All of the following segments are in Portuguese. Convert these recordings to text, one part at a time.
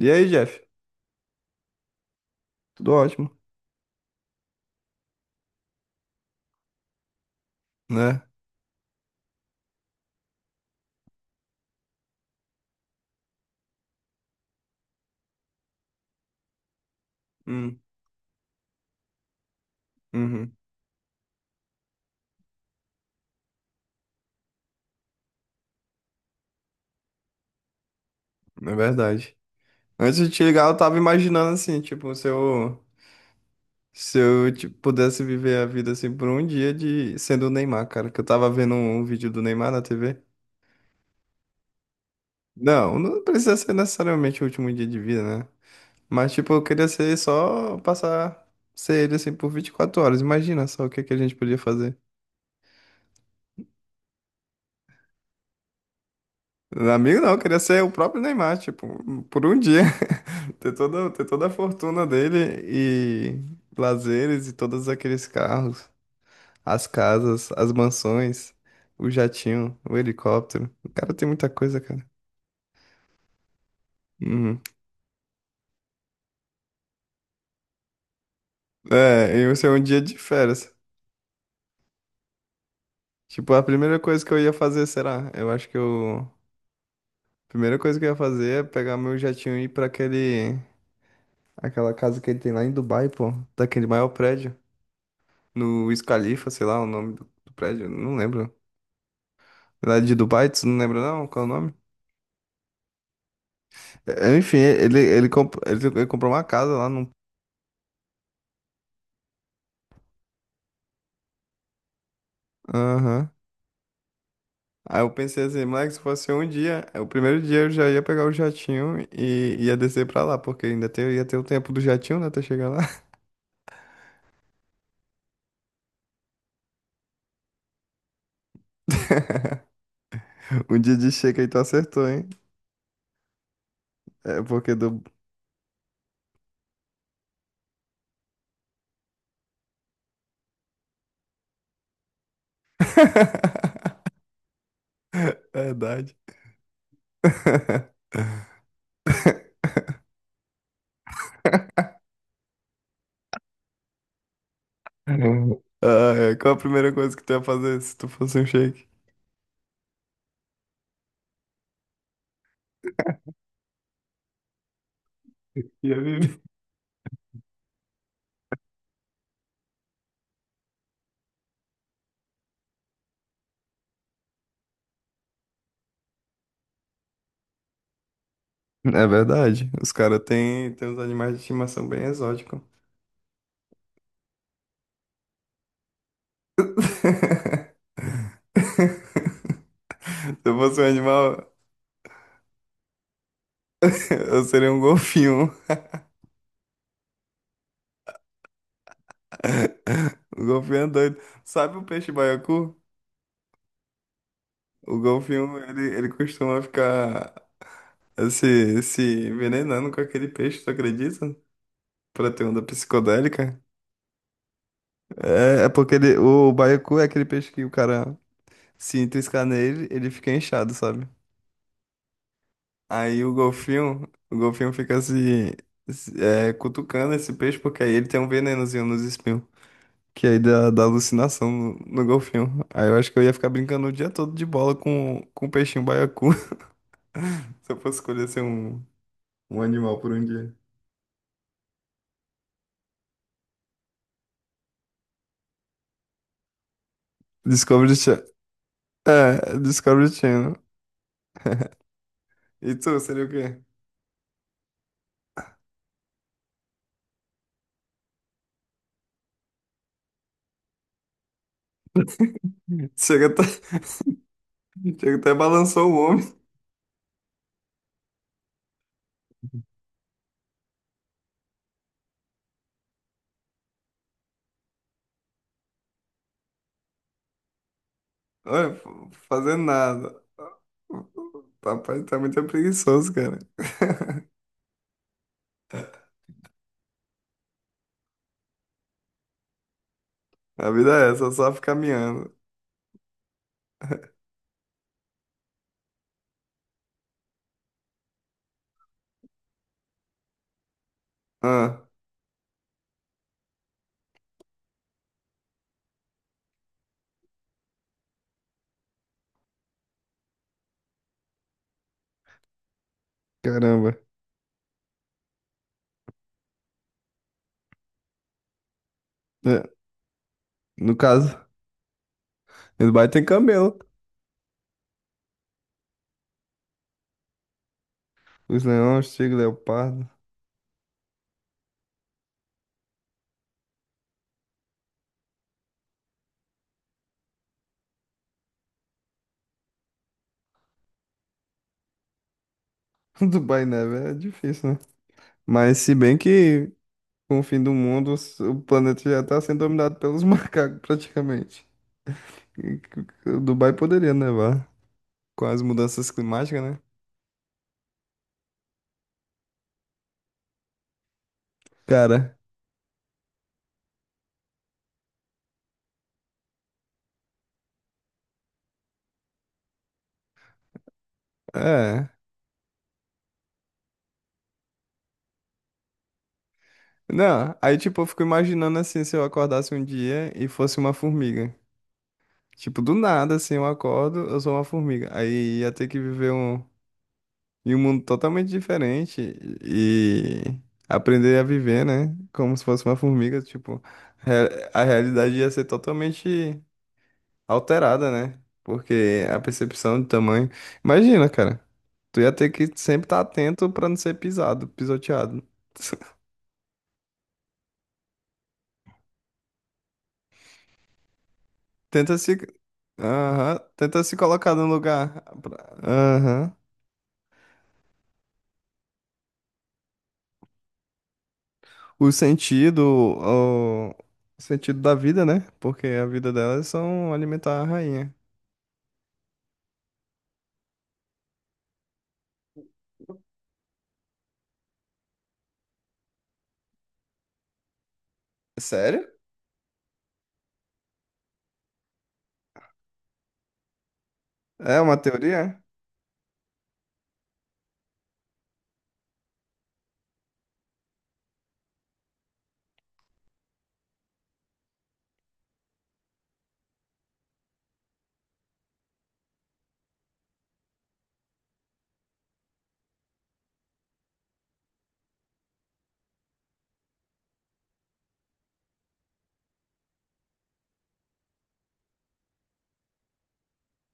E aí, Jeff? Tudo ótimo, né? Hum, uhum, é verdade. Antes de te ligar, eu tava imaginando assim, tipo, se eu tipo, pudesse viver a vida assim por um dia de sendo o Neymar, cara, que eu tava vendo um vídeo do Neymar na TV. Não, não precisa ser necessariamente o último dia de vida, né? Mas tipo, eu queria ser só passar ser ele assim por 24 horas. Imagina só o que é que a gente podia fazer. Amigo não, eu queria ser o próprio Neymar, tipo, por um dia. Ter toda a fortuna dele e lazeres e todos aqueles carros, as casas, as mansões, o jatinho, o helicóptero. O cara tem muita coisa, cara. Uhum. É, eu é um dia de férias. Tipo, a primeira coisa que eu ia fazer, será? Eu acho que eu. A primeira coisa que eu ia fazer é pegar meu jatinho e ir pra aquele. Aquela casa que ele tem lá em Dubai, pô. Daquele maior prédio, no Wiz Khalifa, sei lá o nome do prédio, não lembro. Lá de Dubai, tu não lembra não? Qual é o nome? Enfim, ele comprou uma casa lá num. Aham. Aí eu pensei assim, moleque, se fosse um dia, é, o primeiro dia eu já ia pegar o jatinho e ia descer pra lá, porque ainda tem, ia ter o tempo do jatinho, né, até chegar lá. Um dia de chega aí tu acertou, hein? É porque do. Verdade. Caramba. Ah, é. Qual a primeira coisa que tu ia fazer se tu fosse um shake? Ia viver. É verdade. Os caras têm tem uns animais de estimação bem exóticos. Se eu fosse um animal, eu seria um golfinho. O golfinho é doido. Sabe o peixe baiacu? O golfinho, ele costuma ficar se envenenando com aquele peixe, tu acredita? Pra ter onda psicodélica. É, é porque ele, o baiacu é aquele peixe que o cara se triscar nele, ele fica inchado, sabe? Aí o golfinho fica cutucando esse peixe, porque aí ele tem um venenozinho nos espinhos. Que aí dá alucinação no golfinho. Aí eu acho que eu ia ficar brincando o dia todo de bola com o peixinho baiacu. Se eu fosse escolher ser um animal por um dia. Discovery Channel. É, Discovery Channel. E tu, seria o quê? Chega até, chega até balançou o homem. Olha, fazer nada. Papai tá muito preguiçoso, cara. A vida é essa, só ficar miando. Ah, caramba. É, no caso, em Dubai tem camelo. Os leões, tigre, leopardo. Dubai neve é difícil, né? Mas se bem que com o fim do mundo, o planeta já tá sendo dominado pelos macacos, praticamente. E Dubai poderia nevar com as mudanças climáticas, né? Cara, é. Não, aí tipo, eu fico imaginando assim, se eu acordasse um dia e fosse uma formiga. Tipo, do nada, assim, eu acordo, eu sou uma formiga. Aí ia ter que viver em um mundo totalmente diferente e aprender a viver, né? Como se fosse uma formiga, tipo, re- a realidade ia ser totalmente alterada, né? Porque a percepção de tamanho. Imagina, cara, tu ia ter que sempre estar atento pra não ser pisado, pisoteado. Tenta se. Aham. Tenta se colocar no lugar. Aham. O sentido. O sentido da vida, né? Porque a vida delas são alimentar a rainha. Sério? É uma teoria?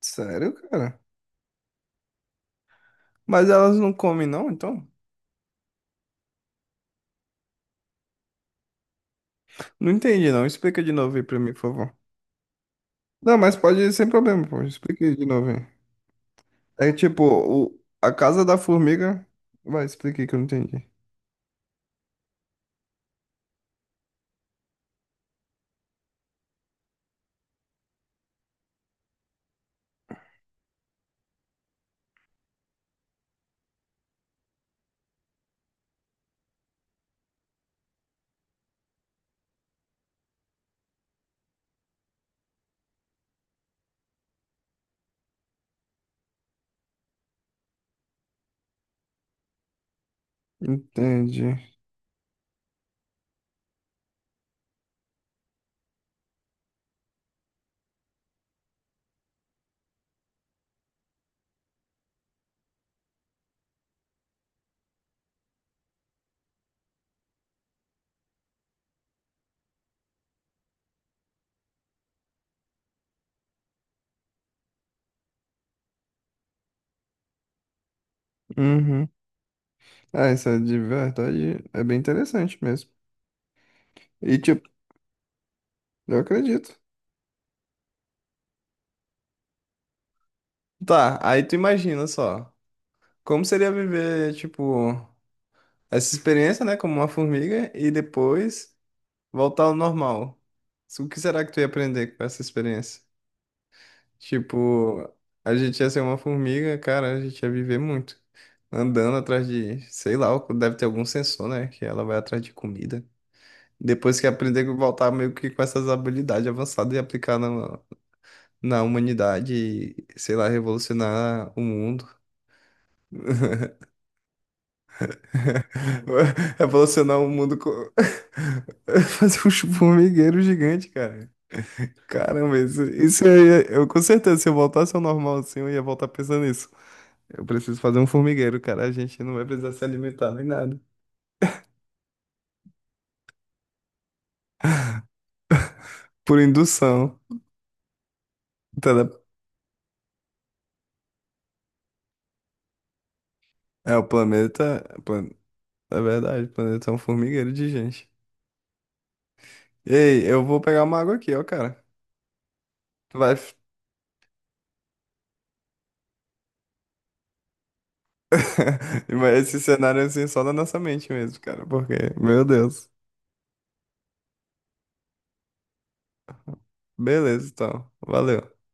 Sério, cara? Mas elas não comem, não, então? Não entendi, não. Explica de novo aí pra mim, por favor. Não, mas pode ir sem problema, pô. Explica aí de novo aí. É tipo, o... a casa da formiga. Vai, explica aí que eu não entendi. Entendi. Uhum. Ah, essa de verdade é bem interessante mesmo. E, tipo, eu acredito. Tá, aí tu imagina só. Como seria viver, tipo, essa experiência, né, como uma formiga e depois voltar ao normal? O que será que tu ia aprender com essa experiência? Tipo, a gente ia ser uma formiga, cara, a gente ia viver muito. Andando atrás de, sei lá, deve ter algum sensor, né, que ela vai atrás de comida. Depois que aprender a voltar meio que com essas habilidades avançadas e aplicar na humanidade, sei lá, revolucionar o mundo. Revolucionar o mundo com... Fazer um formigueiro gigante, cara. Caramba, isso aí, é- eu com certeza, se eu voltasse ao normal assim, eu ia voltar pensando nisso. Eu preciso fazer um formigueiro, cara. A gente não vai precisar se alimentar nem nada. Por indução. Tele- É, o planeta. É verdade, o planeta é um formigueiro de gente. Ei, eu vou pegar uma água aqui, ó, cara. Tu vai. Mas esse cenário assim só na nossa mente mesmo, cara. Porque, meu Deus. Beleza, então. Valeu.